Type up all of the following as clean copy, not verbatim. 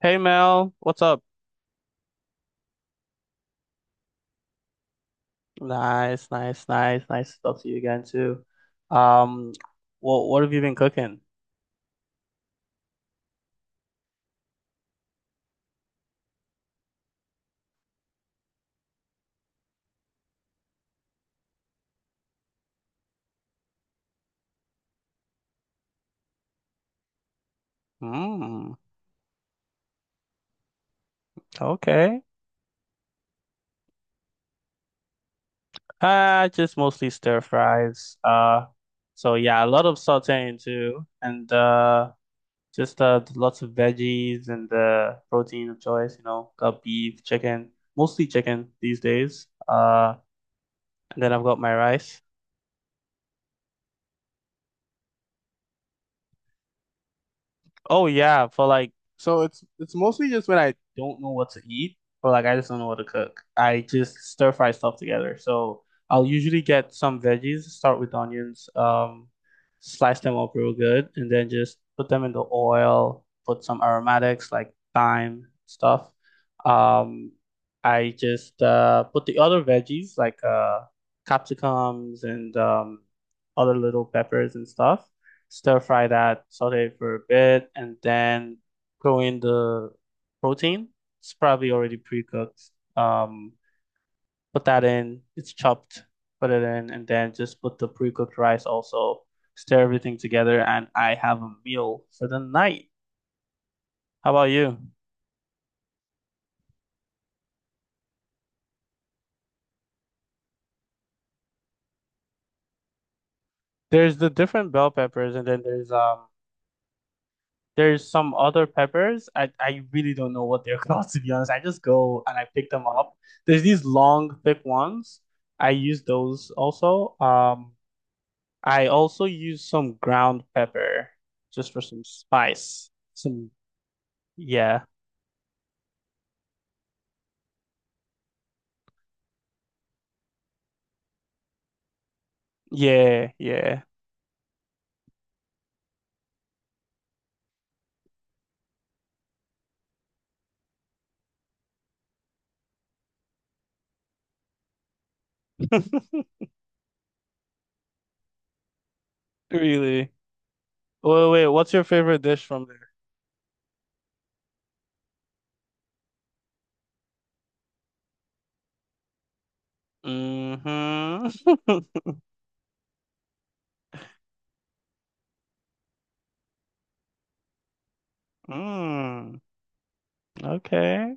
Hey Mel, what's up? Nice to talk to you again too. Um, what have you been cooking? Mm, okay. Just mostly stir fries. So yeah, a lot of sauteing too, and just lots of veggies and protein of choice. You know, got beef, chicken, mostly chicken these days. And then I've got my rice. Oh yeah, for like so it's mostly just when I don't know what to eat, or like I just don't know what to cook. I just stir fry stuff together. So I'll usually get some veggies, start with onions, slice them up real good, and then just put them in the oil, put some aromatics like thyme stuff. Um, I just put the other veggies like capsicums and other little peppers and stuff, stir fry that, saute it for a bit, and then throw in the protein. It's probably already pre-cooked. Um, Put that in. It's chopped. Put it in, and then just put the pre-cooked rice also. Stir everything together, and I have a meal for the night. How about you? There's the different bell peppers, and then there's there's some other peppers. I really don't know what they're called, to be honest. I just go and I pick them up. There's these long, thick ones. I use those also. I also use some ground pepper just for some spice. Some, yeah, yeah, yeah. Really? What's your favorite dish from there? Mm-hmm. Mm, okay.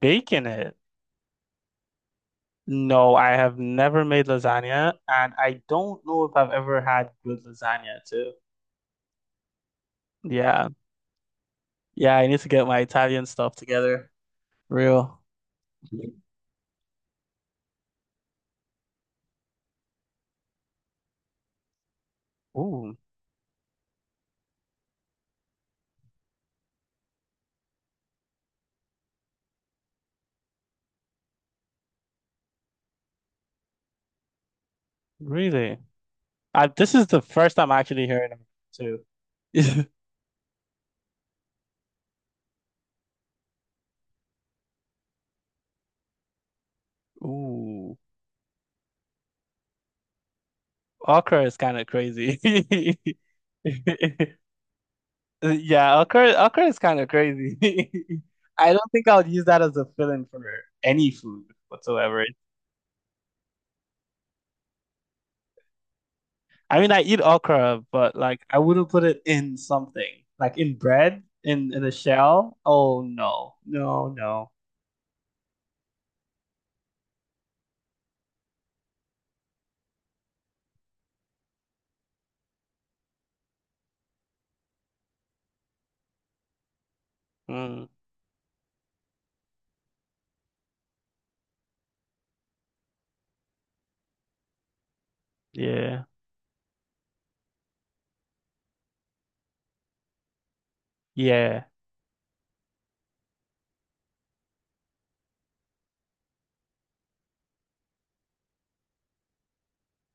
Bacon it. No, I have never made lasagna, and I don't know if I've ever had good lasagna too. Yeah, yeah, I need to get my Italian stuff together. Real. Ooh, really? This is the first time I'm actually hearing of it too. Ooh, okra is kind of crazy. Yeah, okra is kind of crazy. I don't think I would use that as a filling for any food whatsoever. I mean, I eat okra, but like I wouldn't put it in something like in bread, in a shell. Oh no, no, no. Mm, yeah, yeah,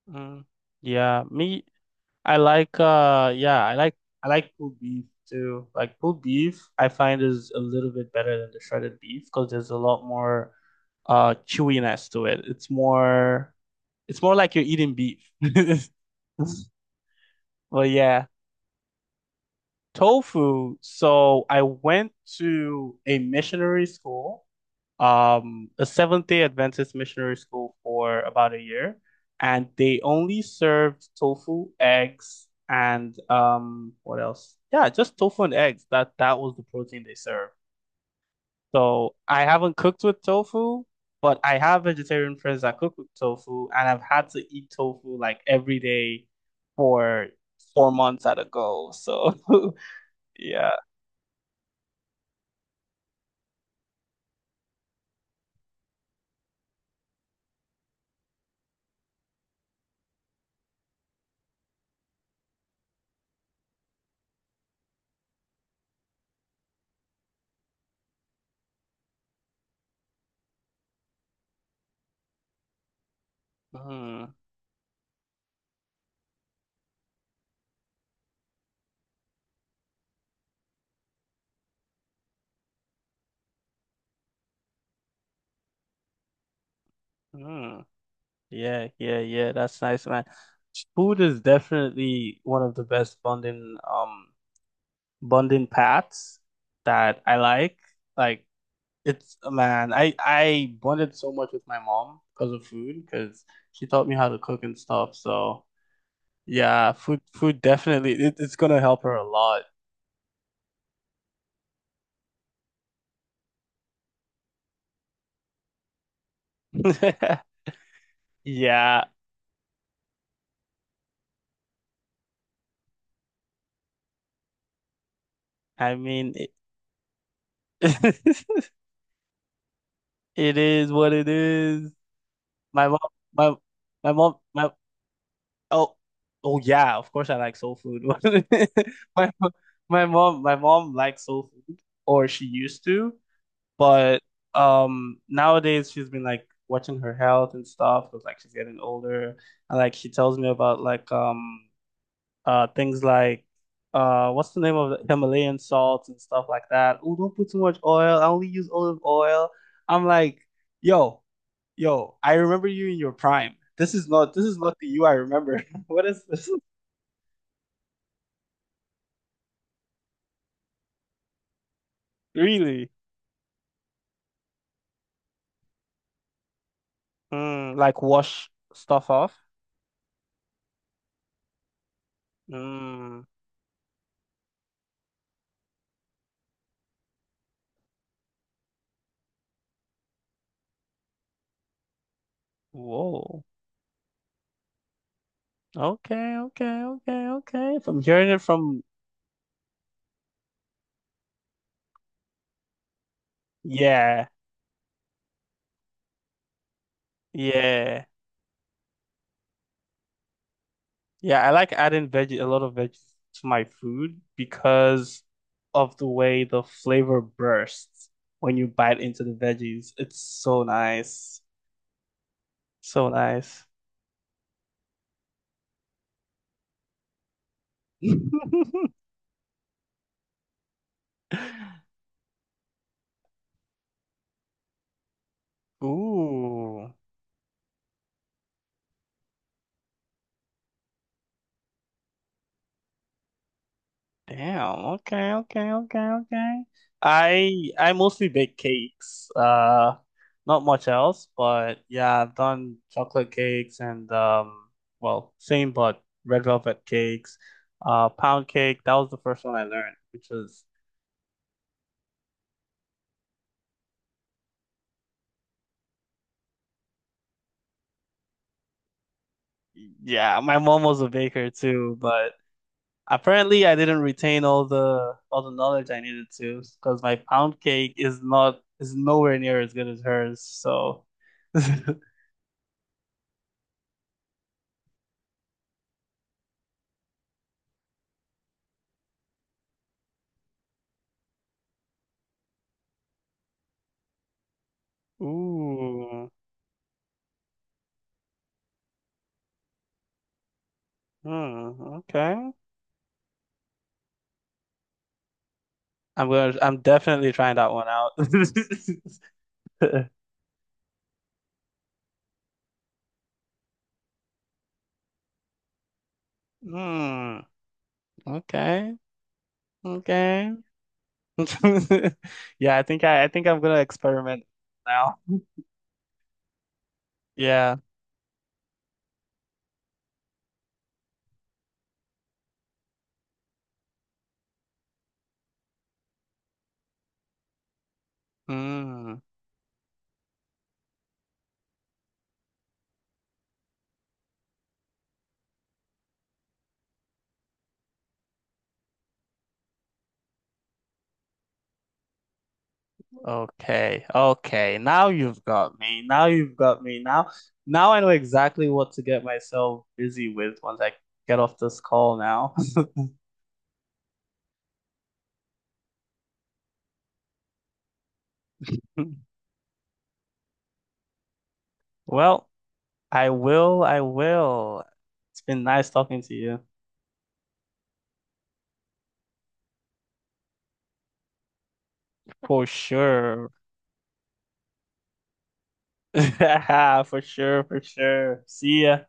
mm, yeah. Me, I like yeah, I like pulled beef too. Like pulled beef, I find is a little bit better than the shredded beef because there's a lot more chewiness to it. It's more like you're eating beef. Well, yeah. Tofu. So I went to a missionary school, a Seventh-day Adventist missionary school for about a year, and they only served tofu, eggs, and what else? Yeah, just tofu and eggs. That was the protein they served. So I haven't cooked with tofu, but I have vegetarian friends that cook with tofu, and I've had to eat tofu like every day for 4 months at a go. So yeah. Mm, mm. Yeah, yeah, yeah. That's nice, man. Food is definitely one of the best bonding bonding paths that I like. Like it's man, I bonded so much with my mom because of food because she taught me how to cook and stuff. So yeah, food definitely it's gonna help her a lot. Yeah, I mean it, it is what it is. My mom, my my mom, my Oh, oh yeah, of course I like soul food. My my mom likes soul food, or she used to, but nowadays she's been like watching her health and stuff because like she's getting older and like she tells me about like things like what's the name of the Himalayan salts and stuff like that. Oh, don't put too much oil. I only use olive oil. I'm like, yo, yo, I remember you in your prime. This is not the you I remember. What is this? Really? Mm, like wash stuff off? Mm, whoa. Okay, okay, okay, okay. If I'm hearing it from, yeah, yeah, yeah. I like adding a lot of veggies to my food because of the way the flavor bursts when you bite into the veggies. It's so nice. So nice. Ooh. Damn. Okay. Okay. Okay. Okay. I mostly bake cakes. Not much else, but yeah, I've done chocolate cakes and well, same but red velvet cakes. Pound cake. That was the first one I learned, which was yeah. My mom was a baker too, but apparently I didn't retain all the knowledge I needed to because my pound cake is not is nowhere near as good as hers. So. Ooh. Hmm, okay. I'm definitely trying that one out. Hmm, okay. Okay. Yeah, I think I'm gonna experiment now. Yeah. Hmm. Okay. Okay. Now you've got me. Now you've got me. Now, now I know exactly what to get myself busy with once I get off this call now. Well, I will. I will. It's been nice talking to you. For sure. For sure, for sure. See ya.